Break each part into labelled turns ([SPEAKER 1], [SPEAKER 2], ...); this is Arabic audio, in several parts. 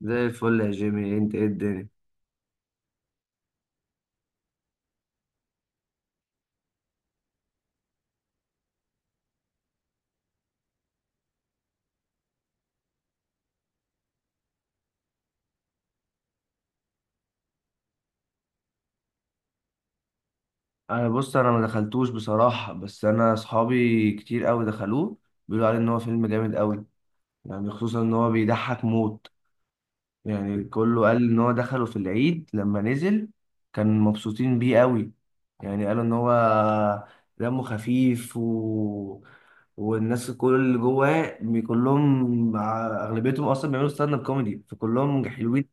[SPEAKER 1] زي الفل يا جيمي، انت ايه الدنيا؟ انا بص ما دخلتوش بصراحه، بس انا اصحابي كتير قوي دخلوه. بيقولوا عليه ان هو فيلم جامد قوي، يعني خصوصا ان هو بيضحك موت. يعني كله قال ان هو دخله في العيد لما نزل، كان مبسوطين بيه قوي. يعني قالوا ان هو دمه خفيف. والناس كل اللي جواه كلهم اغلبيتهم اصلا بيعملوا ستاند اب كوميدي، فكلهم حلوين.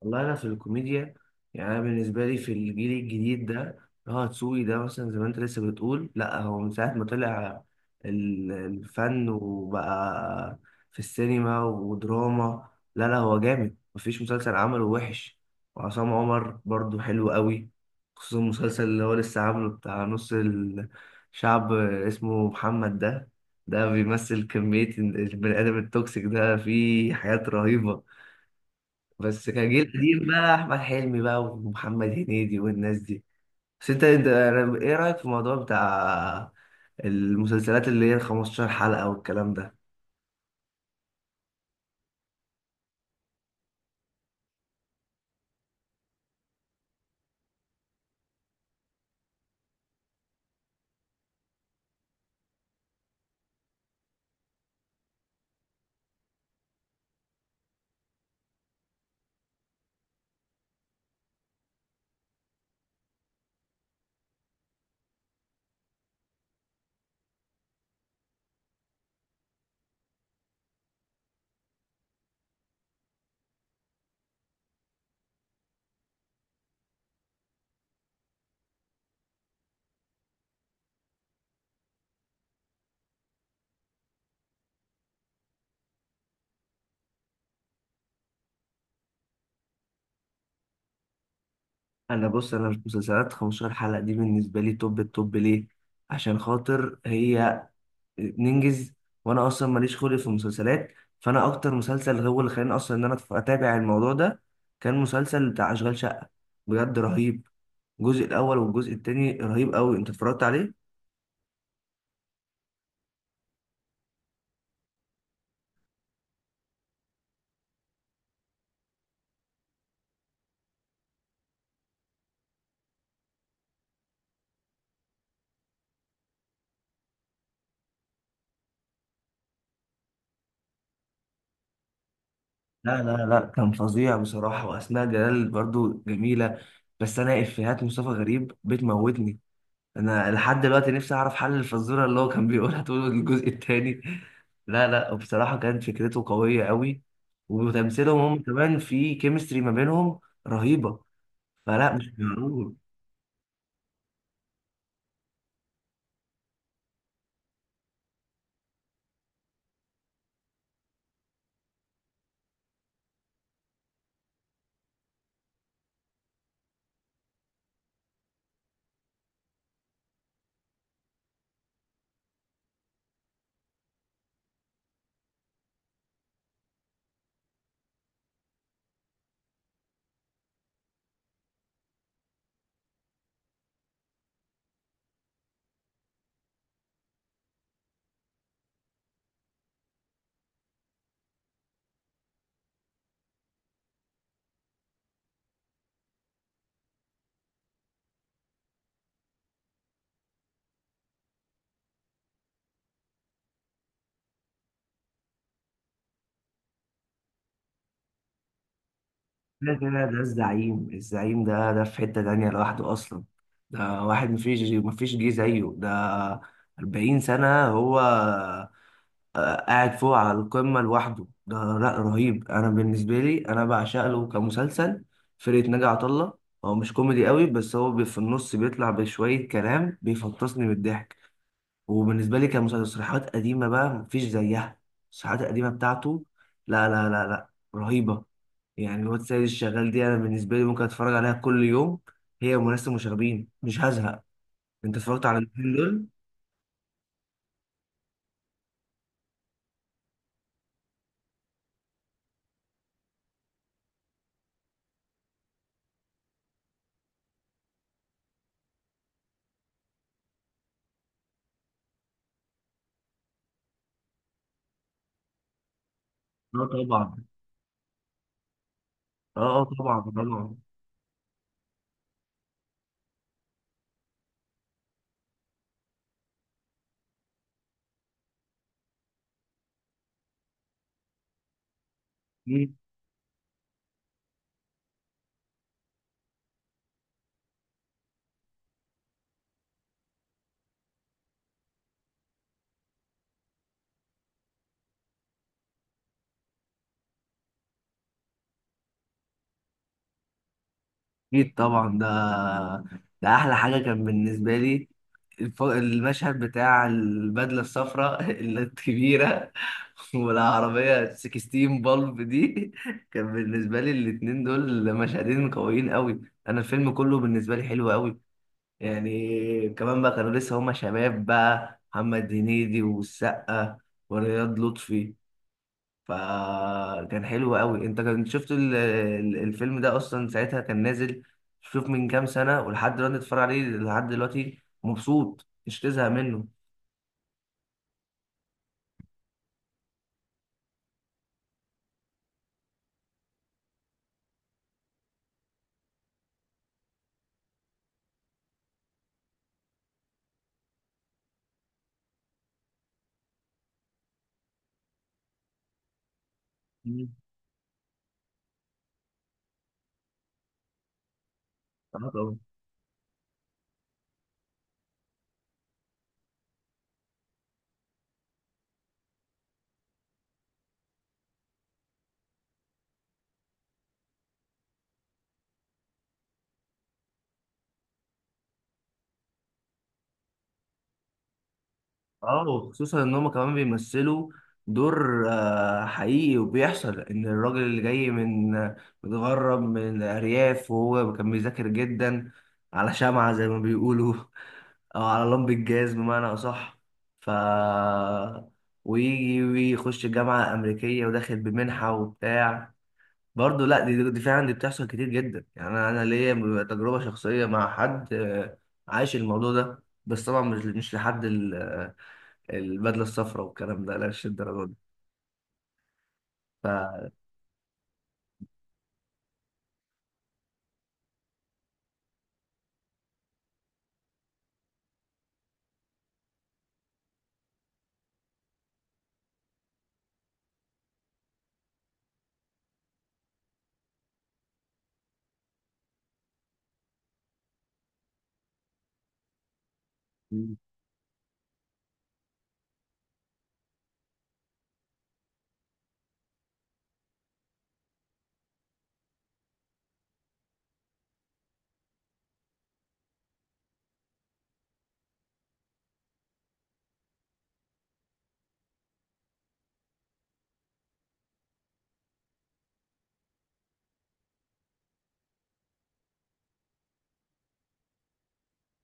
[SPEAKER 1] والله انا في الكوميديا، يعني انا بالنسبه لي في الجيل الجديد ده، اللي هو هتسوقي ده، مثلا زي ما انت لسه بتقول، لا هو من ساعه ما طلع الفن وبقى في السينما ودراما، لا لا هو جامد، مفيش مسلسل عمله وحش. وعصام عمر برضو حلو قوي، خصوصا المسلسل اللي هو لسه عامله بتاع نص الشعب، اسمه محمد ده. ده بيمثل كمية البني آدم التوكسيك، ده فيه حاجات رهيبة. بس كان جيل قديم بقى، احمد حلمي بقى، ومحمد هنيدي والناس دي. بس انت انت- ايه رايك في الموضوع بتاع المسلسلات اللي هي ال 15 حلقه والكلام ده؟ انا بص مش مسلسلات 15 حلقه دي بالنسبه لي توب التوب ليه؟ عشان خاطر هي ننجز، وانا اصلا ماليش خلق في المسلسلات. فانا اكتر مسلسل هو اللي خلاني اصلا ان انا اتابع الموضوع ده كان مسلسل بتاع اشغال شقه، بجد رهيب. الجزء الاول والجزء التاني رهيب قوي. انت اتفرجت عليه؟ لا لا لا، كان فظيع بصراحة، وأسماء جلال برضو جميلة. بس أنا إفيهات مصطفى غريب بتموتني، أنا لحد دلوقتي نفسي أعرف حل الفزورة اللي هو كان بيقولها طول الجزء التاني. لا لا، وبصراحة كانت فكرته قوية قوي، وتمثيلهم هم كمان، في كيمستري ما بينهم رهيبة. فلا مش معقول. كده كده ده الزعيم، الزعيم ده في حتة تانية لوحده أصلا. ده واحد مفيش جه زيه. ده 40 سنة هو قاعد فوق على القمة لوحده. ده لا رهيب. أنا بالنسبة لي أنا بعشق له كمسلسل فرقة ناجي عطا الله. هو مش كوميدي قوي، بس هو في النص بيطلع بشوية كلام بيفطسني من الضحك. وبالنسبة لي كمسرحيات قديمة بقى مفيش زيها، المسرحيات القديمة بتاعته، لا لا لا لا رهيبة. يعني الواد سيد الشغال دي أنا بالنسبة لي ممكن أتفرج عليها كل يوم، هي وناس المشاغبين، مش هزهق. أنت اتفرجت على الاتنين دول؟ اه طبعا. اه، آه، طبعا طبعا. اكيد طبعا. ده احلى حاجه كان بالنسبه لي. المشهد بتاع البدله الصفراء الكبيره، والعربيه 16 بالب دي كان بالنسبه لي الاتنين دول مشهدين قويين قوي. انا الفيلم كله بالنسبه لي حلو قوي. يعني كمان بقى كانوا لسه هما شباب بقى، محمد هنيدي والسقا ورياض لطفي، فكان حلو قوي. انت كنت شفت الفيلم ده اصلا ساعتها كان نازل؟ شوف من كام سنة، ولحد دلوقتي اتفرج عليه، لحد دلوقتي مبسوط، مش تزهق منه. مم. اه طبعا. اه، وخصوصا ان هم كمان بيمثلوا دور حقيقي، وبيحصل ان الراجل اللي جاي متغرب من الارياف، وهو كان بيذاكر جدا على شمعة زي ما بيقولوا، او على لمب الجاز بمعنى اصح. ف ويجي ويخش جامعه امريكيه، وداخل بمنحه وبتاع. برضه لا، دي فعلا دي بتحصل كتير جدا. يعني انا ليا تجربه شخصيه مع حد، عايش الموضوع ده، بس طبعا مش لحد البدله الصفراء والكلام ده، لا مش الدرجه دي. ف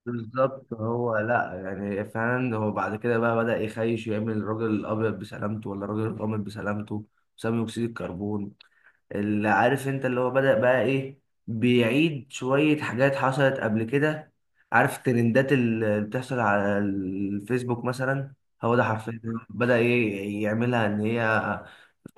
[SPEAKER 1] بالظبط هو. لا يعني فعلا هو بعد كده بقى بدأ يخيش يعمل الراجل الابيض بسلامته ولا الراجل الغامق بسلامته، ثاني اكسيد الكربون، اللي عارف انت اللي هو بدأ بقى ايه، بيعيد شوية حاجات حصلت قبل كده. عارف الترندات اللي بتحصل على الفيسبوك مثلا؟ هو ده حرفيا بدأ ايه يعملها، ان هي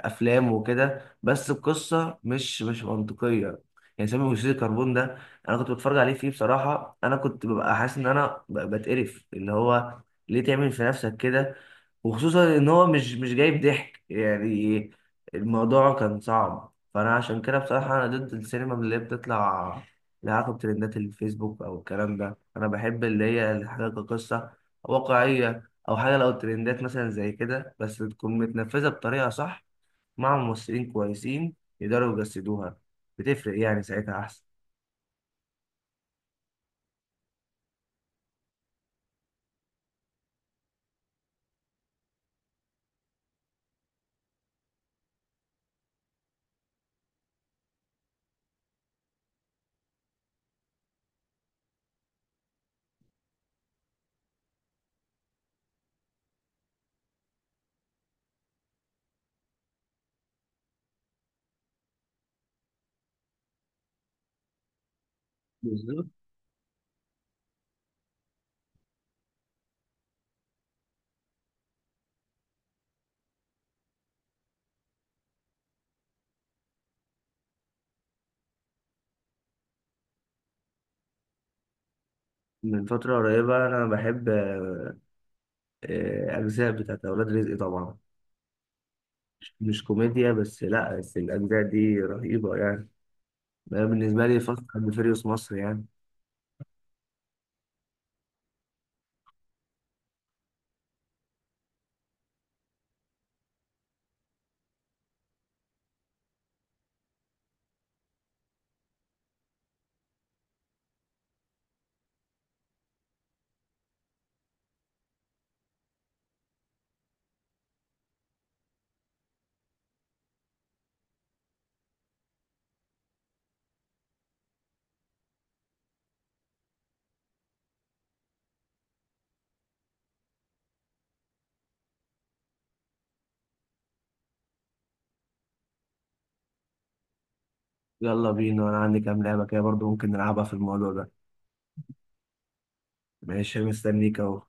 [SPEAKER 1] افلام وكده، بس القصة مش منطقية. يعني سامي اكسيد الكربون ده، انا كنت بتفرج عليه فيه بصراحة، انا كنت ببقى حاسس ان انا بتقرف، اللي هو ليه تعمل في نفسك كده؟ وخصوصا ان هو مش جايب ضحك يعني. الموضوع كان صعب، فانا عشان كده بصراحه انا ضد السينما اللي هي بتطلع لها علاقه بترندات الفيسبوك او الكلام ده. انا بحب اللي هي الحاجه كقصه واقعيه، او حاجه لو ترندات مثلا زي كده بس تكون متنفذه بطريقه صح، مع ممثلين كويسين يقدروا يجسدوها، بتفرق يعني ساعتها احسن. بالظبط. من فتره قريبه انا بحب اجزاء بتاعت اولاد رزق طبعا. مش كوميديا بس، لا بس الأجزاء دي رهيبة يعني. أنا بالنسبة لي فاست أند فيريوس مصر يعني. يلا بينا، أنا عندي كام لعبة كده برضو ممكن نلعبها في الموضوع ده. ماشي، مستنيك أهو.